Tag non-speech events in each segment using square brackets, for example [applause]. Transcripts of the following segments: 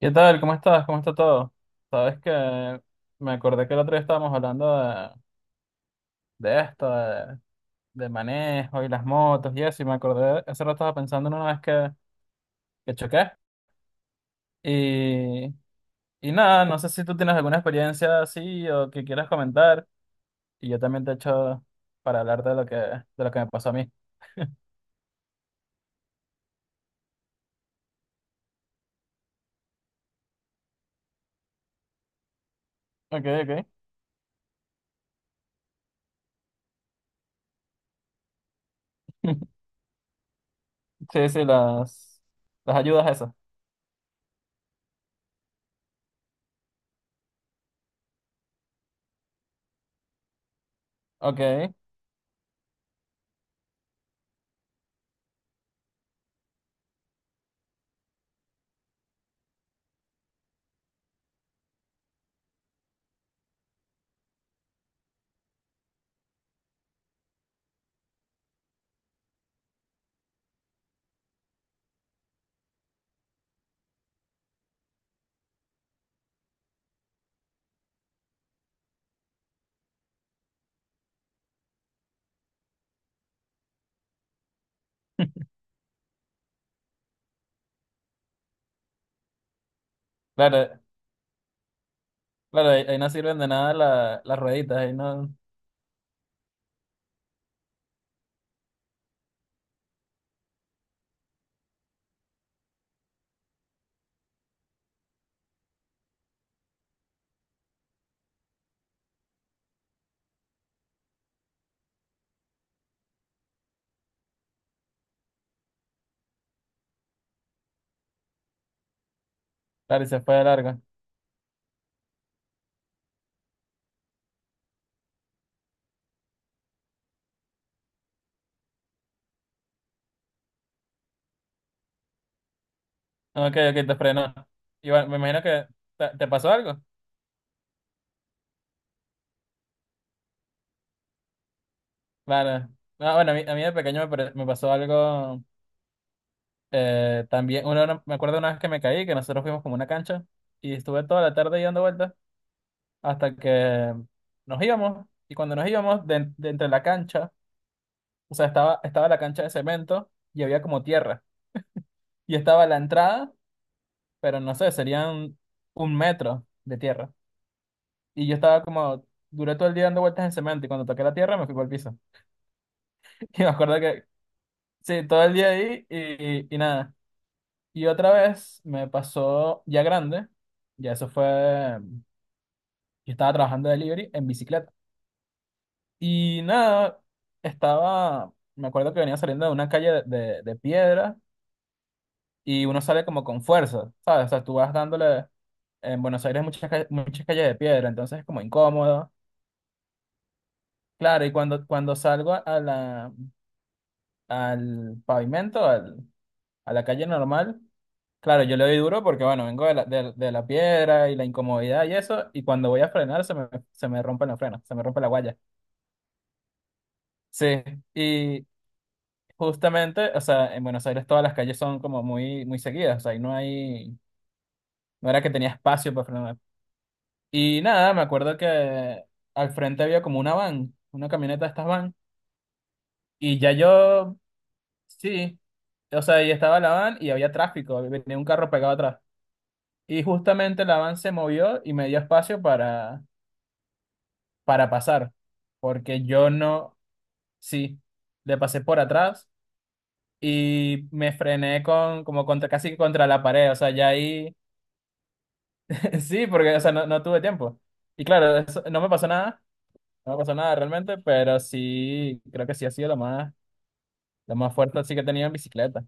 ¿Qué tal? ¿Cómo estás? ¿Cómo está todo? Sabes que me acordé que el otro día estábamos hablando de esto, de manejo y las motos y eso, y me acordé, hace rato estaba pensando en una vez que choqué. Y, y nada, no sé si tú tienes alguna experiencia así o que quieras comentar, y yo también te echo para hablar de lo que me pasó a mí. Ok, ok. [laughs] Sí, sí, las ayudas esas. Ok, claro, claro, ahí no sirven de nada las rueditas, ahí no, claro, y se fue de largo. Ok, ok, te frenó. Y bueno, me imagino que te pasó algo. Claro. No, bueno, a mí de pequeño me pasó algo también. Me acuerdo una vez que me caí, que nosotros fuimos como a una cancha y estuve toda la tarde ahí dando vueltas hasta que nos íbamos. Y cuando nos íbamos, de entre la cancha, o sea, estaba, estaba la cancha de cemento y había como tierra. Y estaba la entrada, pero no sé, serían un metro de tierra. Y yo estaba como, duré todo el día dando vueltas en cemento y cuando toqué la tierra me fui por el piso. [laughs] Y me acuerdo que, sí, todo el día ahí y nada. Y otra vez me pasó ya grande, ya eso fue, yo estaba trabajando de delivery en bicicleta. Y nada, estaba, me acuerdo que venía saliendo de una calle de piedra y uno sale como con fuerza, ¿sabes? O sea, tú vas dándole, en Buenos Aires hay muchas calles de piedra, entonces es como incómodo. Claro, y cuando salgo a al pavimento, a la calle normal, claro, yo le doy duro porque, bueno, vengo de de la piedra y la incomodidad y eso, y cuando voy a frenar se me rompen los frenos, se me rompe la guaya. Sí, y justamente, o sea, en Buenos Aires todas las calles son como muy, muy seguidas, o sea, ahí no hay, no era que tenía espacio para frenar. Y nada, me acuerdo que al frente había como una van, una camioneta de estas van, y ya yo, sí, o sea, ahí estaba la van y había tráfico, venía un carro pegado atrás. Y justamente la van se movió y me dio espacio para pasar, porque yo no, sí, le pasé por atrás y me frené con, como contra, casi que contra la pared, o sea, ya ahí, [laughs] sí, porque, o sea, no, no tuve tiempo. Y claro, no me pasó nada, no me pasó nada realmente, pero sí, creo que sí ha sido lo más fuerte así que he tenido en bicicleta.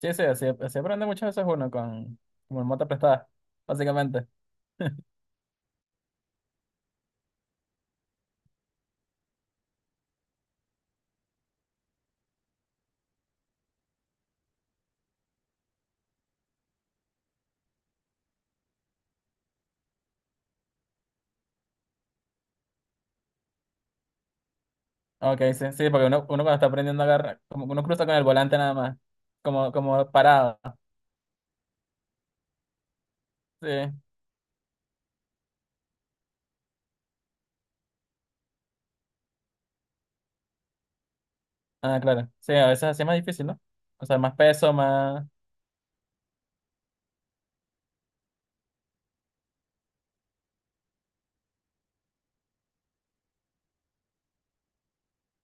Sí, sí, así, así aprende muchas veces uno con, como en moto prestada, básicamente. Ok, sí, sí, porque uno cuando está aprendiendo a agarrar, como que uno cruza con el volante nada más, como, como parado. Sí. Ah, claro. Sí, a veces así es más difícil, ¿no? O sea, más peso, más...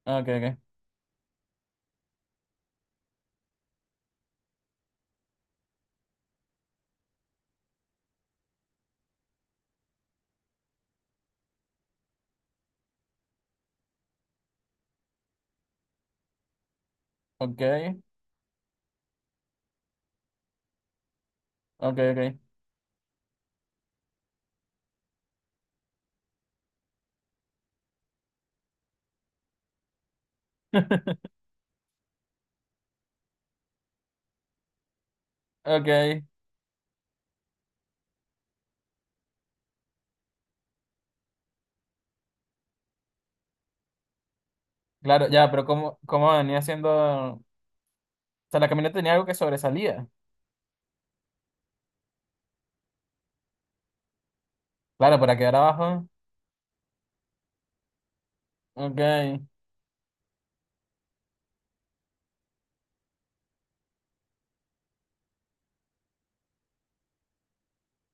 Ah, ok, ok. Ok, ok, ok. Ok. Claro, ya, pero ¿cómo, cómo venía haciendo...? O sea, la camioneta tenía algo que sobresalía. Claro, para quedar abajo. Ok,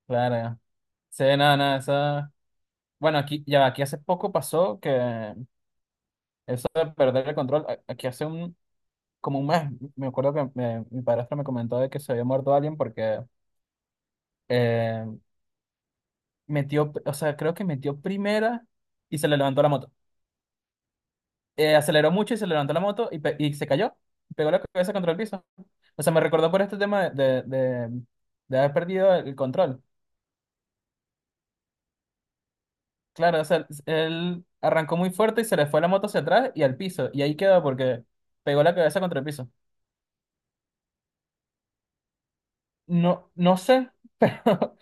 claro. Sí, nada, nada, eso... Bueno, aquí, ya, aquí hace poco pasó que eso de perder el control, aquí hace un, como un mes, me acuerdo que mi padrastro me comentó de que se había muerto alguien porque eh, metió, o sea, creo que metió primera y se le levantó la moto. Aceleró mucho y se le levantó la moto y se cayó. Pegó la cabeza contra el piso. O sea, me recordó por este tema de haber perdido el control. Claro, o sea, él arrancó muy fuerte y se le fue la moto hacia atrás y al piso. Y ahí quedó porque pegó la cabeza contra el piso. No, no sé, [laughs] pero,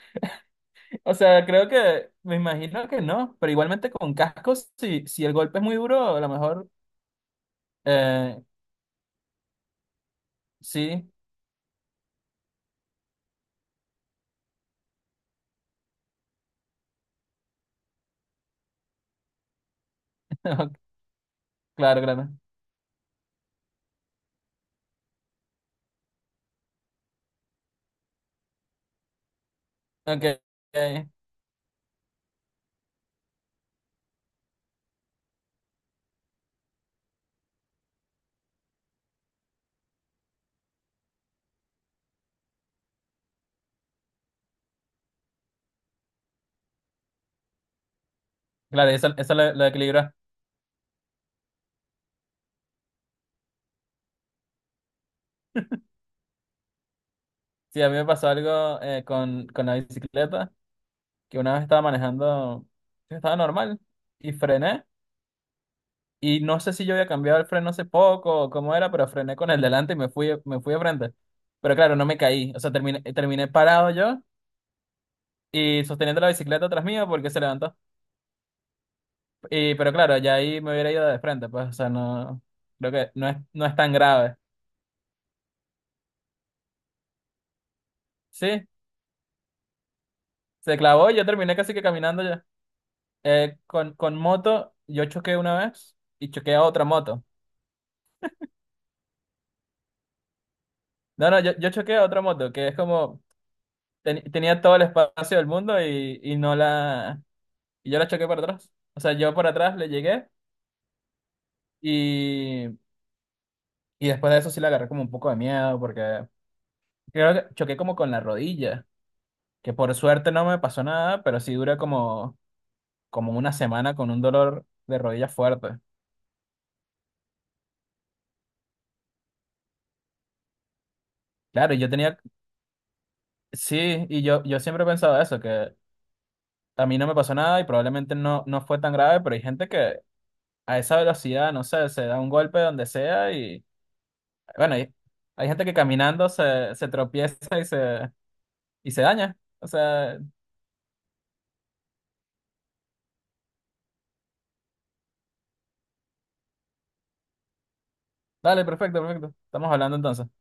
o sea, creo que, me imagino que no, pero igualmente con cascos, si el golpe es muy duro, a lo mejor, eh, sí, [laughs] claro, claro. Ok, ok. Claro, eso lo equilibra. Sí, a mí me pasó algo con la bicicleta, que una vez estaba manejando, estaba normal, y frené, y no sé si yo había cambiado el freno hace poco o cómo era, pero frené con el delante y me fui de frente. Pero claro, no me caí, o sea, terminé, terminé parado yo y sosteniendo la bicicleta atrás mío porque se levantó. Y, pero claro, ya ahí me hubiera ido de frente, pues, o sea, no, creo que no es, no es tan grave. Sí, se clavó y yo terminé casi que caminando ya. Con moto, yo choqué una vez y choqué a otra moto. No, no, yo choqué a otra moto que es como tenía todo el espacio del mundo y no la. Y yo la choqué por atrás. O sea, yo por atrás le llegué y, y después de eso sí la agarré como un poco de miedo porque creo que choqué como con la rodilla, que por suerte no me pasó nada, pero sí duré como, como una semana con un dolor de rodilla fuerte. Claro, y yo tenía. Sí, yo siempre he pensado eso, que. A mí no me pasó nada y probablemente no, no fue tan grave, pero hay gente que a esa velocidad, no sé, se da un golpe donde sea. Bueno, hay gente que caminando se, se tropieza y se daña. O sea, dale, perfecto, perfecto. Estamos hablando entonces.